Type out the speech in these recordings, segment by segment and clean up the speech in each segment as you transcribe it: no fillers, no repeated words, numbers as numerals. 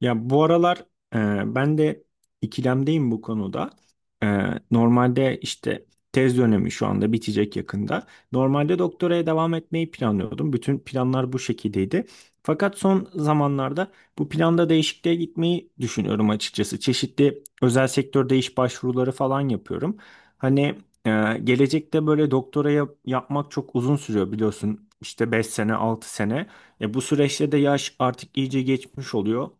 Ya bu aralar ben de ikilemdeyim bu konuda. E, normalde işte tez dönemi şu anda bitecek yakında. Normalde doktoraya devam etmeyi planlıyordum. Bütün planlar bu şekildeydi. Fakat son zamanlarda bu planda değişikliğe gitmeyi düşünüyorum açıkçası. Çeşitli özel sektörde iş başvuruları falan yapıyorum. Hani e, gelecekte böyle doktoraya yapmak çok uzun sürüyor biliyorsun. İşte 5 sene, 6 sene. Bu süreçte de yaş artık iyice geçmiş oluyor.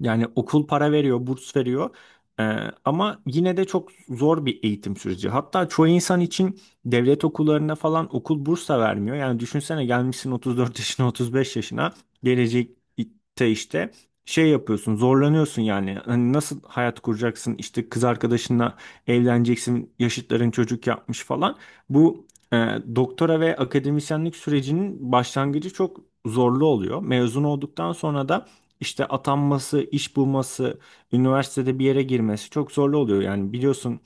Yani okul para veriyor, burs veriyor. Ee, ama yine de çok zor bir eğitim süreci. Hatta çoğu insan için devlet okullarında falan okul burs da vermiyor. Yani düşünsene gelmişsin 34 yaşına, 35 yaşına. Gelecekte işte şey yapıyorsun, zorlanıyorsun yani. Hani nasıl hayat kuracaksın? İşte kız arkadaşınla evleneceksin, yaşıtların çocuk yapmış falan. Bu e, doktora ve akademisyenlik sürecinin başlangıcı çok zorlu oluyor. Mezun olduktan sonra da işte atanması, iş bulması, üniversitede bir yere girmesi çok zorlu oluyor. Yani biliyorsun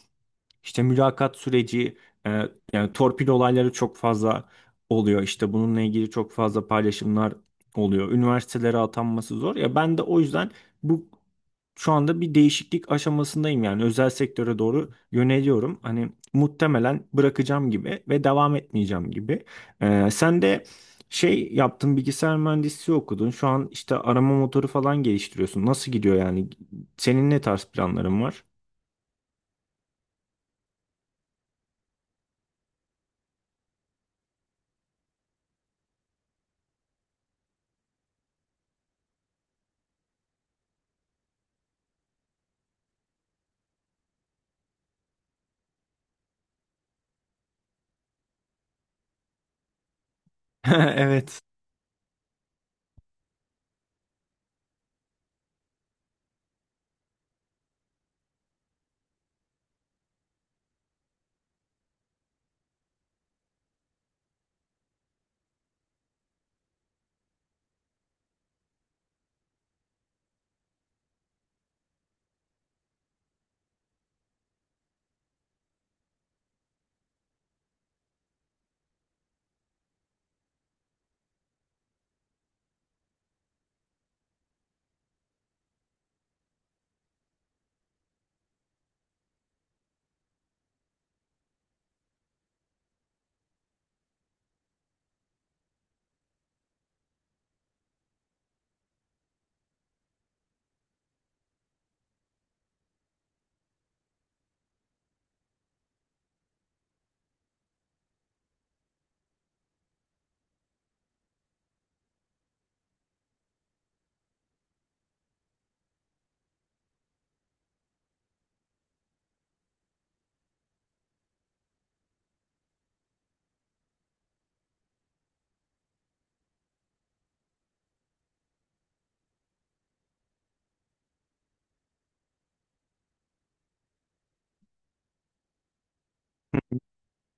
işte mülakat süreci, e, yani torpil olayları çok fazla oluyor. İşte bununla ilgili çok fazla paylaşımlar oluyor. Üniversitelere atanması zor. Ya ben de o yüzden bu şu anda bir değişiklik aşamasındayım yani özel sektöre doğru yöneliyorum. Hani muhtemelen bırakacağım gibi ve devam etmeyeceğim gibi. Sen de şey yaptın, bilgisayar mühendisliği okudun. Şu an işte arama motoru falan geliştiriyorsun. Nasıl gidiyor yani? Senin ne tarz planların var? Evet.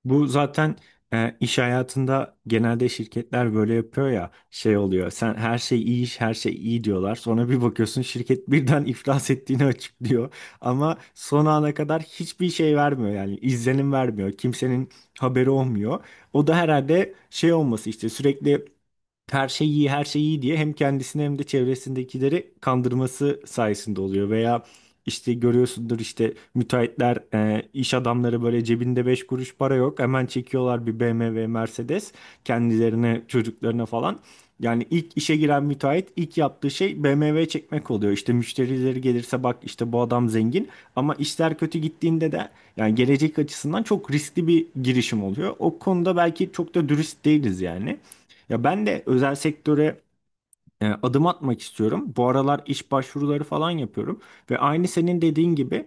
Bu zaten iş hayatında genelde şirketler böyle yapıyor ya, şey oluyor. Sen her şey iyi, iş her şey iyi diyorlar. Sonra bir bakıyorsun şirket birden iflas ettiğini açıklıyor. Ama son ana kadar hiçbir şey vermiyor, yani izlenim vermiyor. Kimsenin haberi olmuyor. O da herhalde şey olması, işte sürekli her şey iyi, her şey iyi diye hem kendisini hem de çevresindekileri kandırması sayesinde oluyor. Veya işte görüyorsundur, işte müteahhitler, iş adamları böyle cebinde 5 kuruş para yok. Hemen çekiyorlar bir BMW, Mercedes kendilerine, çocuklarına falan. Yani ilk işe giren müteahhit ilk yaptığı şey BMW çekmek oluyor. İşte müşterileri gelirse bak işte bu adam zengin, ama işler kötü gittiğinde de yani gelecek açısından çok riskli bir girişim oluyor. O konuda belki çok da dürüst değiliz yani. Ya ben de özel sektöre adım atmak istiyorum. Bu aralar iş başvuruları falan yapıyorum ve aynı senin dediğin gibi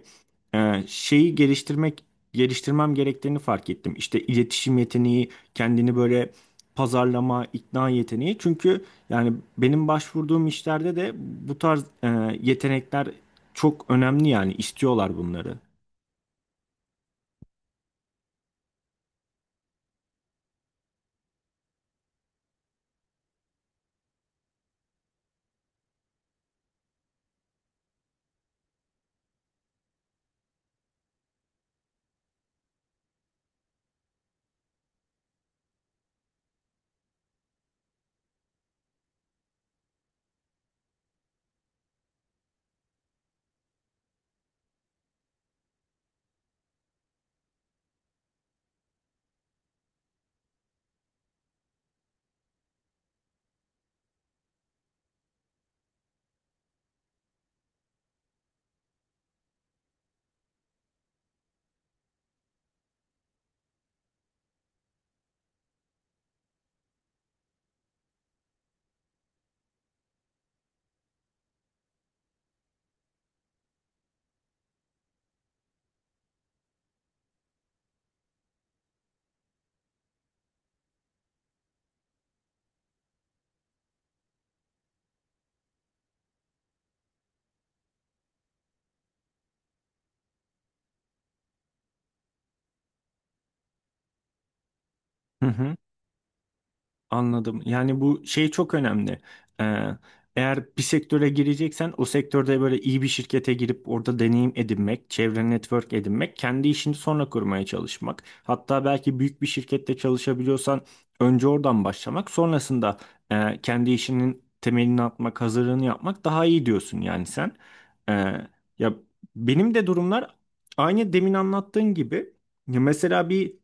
şeyi geliştirmem gerektiğini fark ettim. İşte iletişim yeteneği, kendini böyle pazarlama, ikna yeteneği. Çünkü yani benim başvurduğum işlerde de bu tarz yetenekler çok önemli, yani istiyorlar bunları. Hı hı. Anladım. Yani bu şey çok önemli. Ee, eğer bir sektöre gireceksen o sektörde böyle iyi bir şirkete girip orada deneyim edinmek, çevre network edinmek, kendi işini sonra kurmaya çalışmak. Hatta belki büyük bir şirkette çalışabiliyorsan önce oradan başlamak, sonrasında kendi işinin temelini atmak, hazırlığını yapmak daha iyi diyorsun yani sen. Ee, ya benim de durumlar aynı demin anlattığın gibi. Ya mesela bir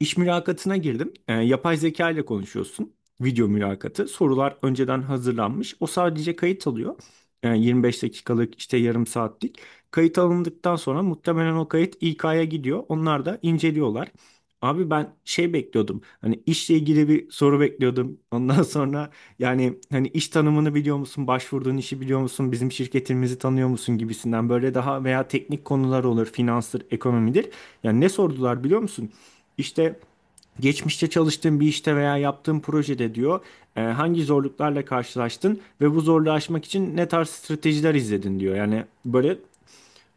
İş mülakatına girdim. Yapay zeka ile konuşuyorsun. Video mülakatı. Sorular önceden hazırlanmış. O sadece kayıt alıyor. 25 dakikalık, işte yarım saatlik. Kayıt alındıktan sonra muhtemelen o kayıt İK'ya gidiyor. Onlar da inceliyorlar. Abi ben şey bekliyordum. Hani işle ilgili bir soru bekliyordum. Ondan sonra yani hani iş tanımını biliyor musun? Başvurduğun işi biliyor musun? Bizim şirketimizi tanıyor musun gibisinden, böyle daha veya teknik konular olur, finanstır, ekonomidir. Yani ne sordular biliyor musun? İşte, geçmişte çalıştığın bir işte veya yaptığın projede diyor, hangi zorluklarla karşılaştın ve bu zorluğu aşmak için ne tarz stratejiler izledin diyor. Yani böyle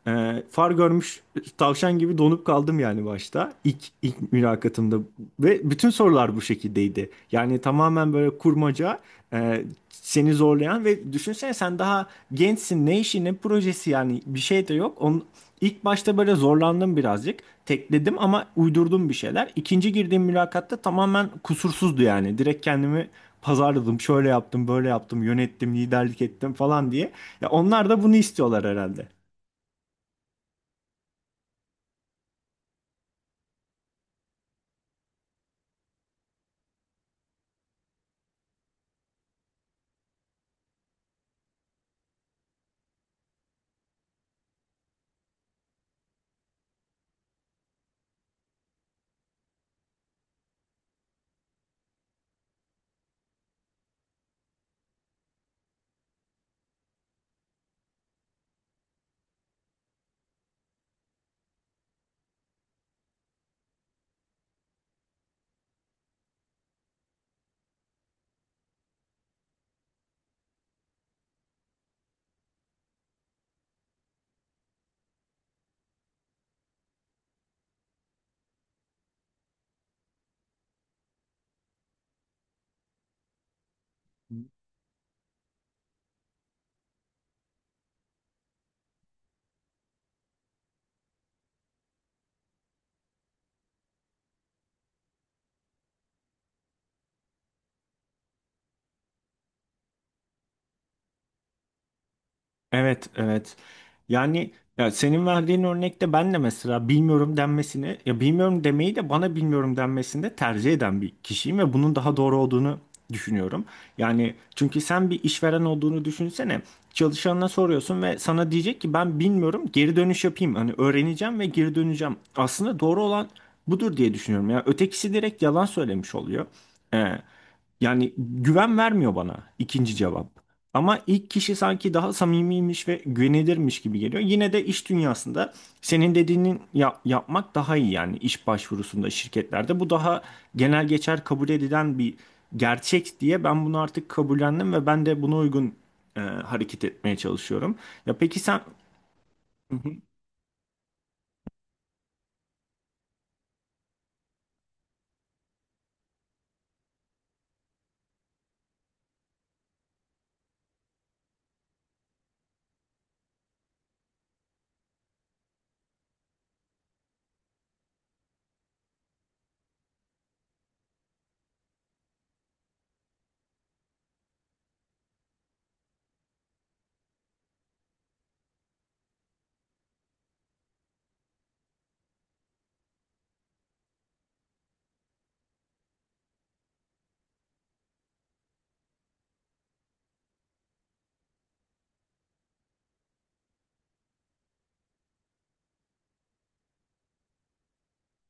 far görmüş tavşan gibi donup kaldım yani, başta ilk mülakatımda ve bütün sorular bu şekildeydi. Yani tamamen böyle kurmaca, e, seni zorlayan ve düşünsene sen daha gençsin, ne işi ne projesi, yani bir şey de yok. Onun, ilk başta böyle zorlandım birazcık, tekledim ama uydurdum bir şeyler. İkinci girdiğim mülakatta tamamen kusursuzdu, yani direkt kendimi pazarladım, şöyle yaptım böyle yaptım, yönettim, liderlik ettim falan diye. Ya onlar da bunu istiyorlar herhalde. Evet, evet. Yani ya senin verdiğin örnekte ben de mesela bilmiyorum denmesini, ya bilmiyorum demeyi de bana bilmiyorum denmesini de tercih eden bir kişiyim ve bunun daha doğru olduğunu düşünüyorum. Yani çünkü sen bir işveren olduğunu düşünsene. Çalışanına soruyorsun ve sana diyecek ki ben bilmiyorum, geri dönüş yapayım. Hani öğreneceğim ve geri döneceğim. Aslında doğru olan budur diye düşünüyorum. Ya ötekisi direkt yalan söylemiş oluyor. Ee, yani güven vermiyor bana ikinci cevap. Ama ilk kişi sanki daha samimiymiş ve güvenilirmiş gibi geliyor. Yine de iş dünyasında senin dediğinin yapmak daha iyi yani, iş başvurusunda şirketlerde. Bu daha genel geçer kabul edilen bir gerçek diye ben bunu artık kabullendim ve ben de buna uygun hareket etmeye çalışıyorum. Ya peki sen... Hı hı.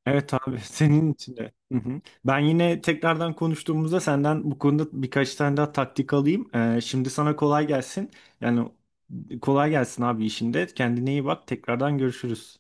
Evet abi, senin için de. Hı hı. Ben yine tekrardan konuştuğumuzda senden bu konuda birkaç tane daha taktik alayım. Şimdi sana kolay gelsin. Yani kolay gelsin abi işinde. Kendine iyi bak. Tekrardan görüşürüz.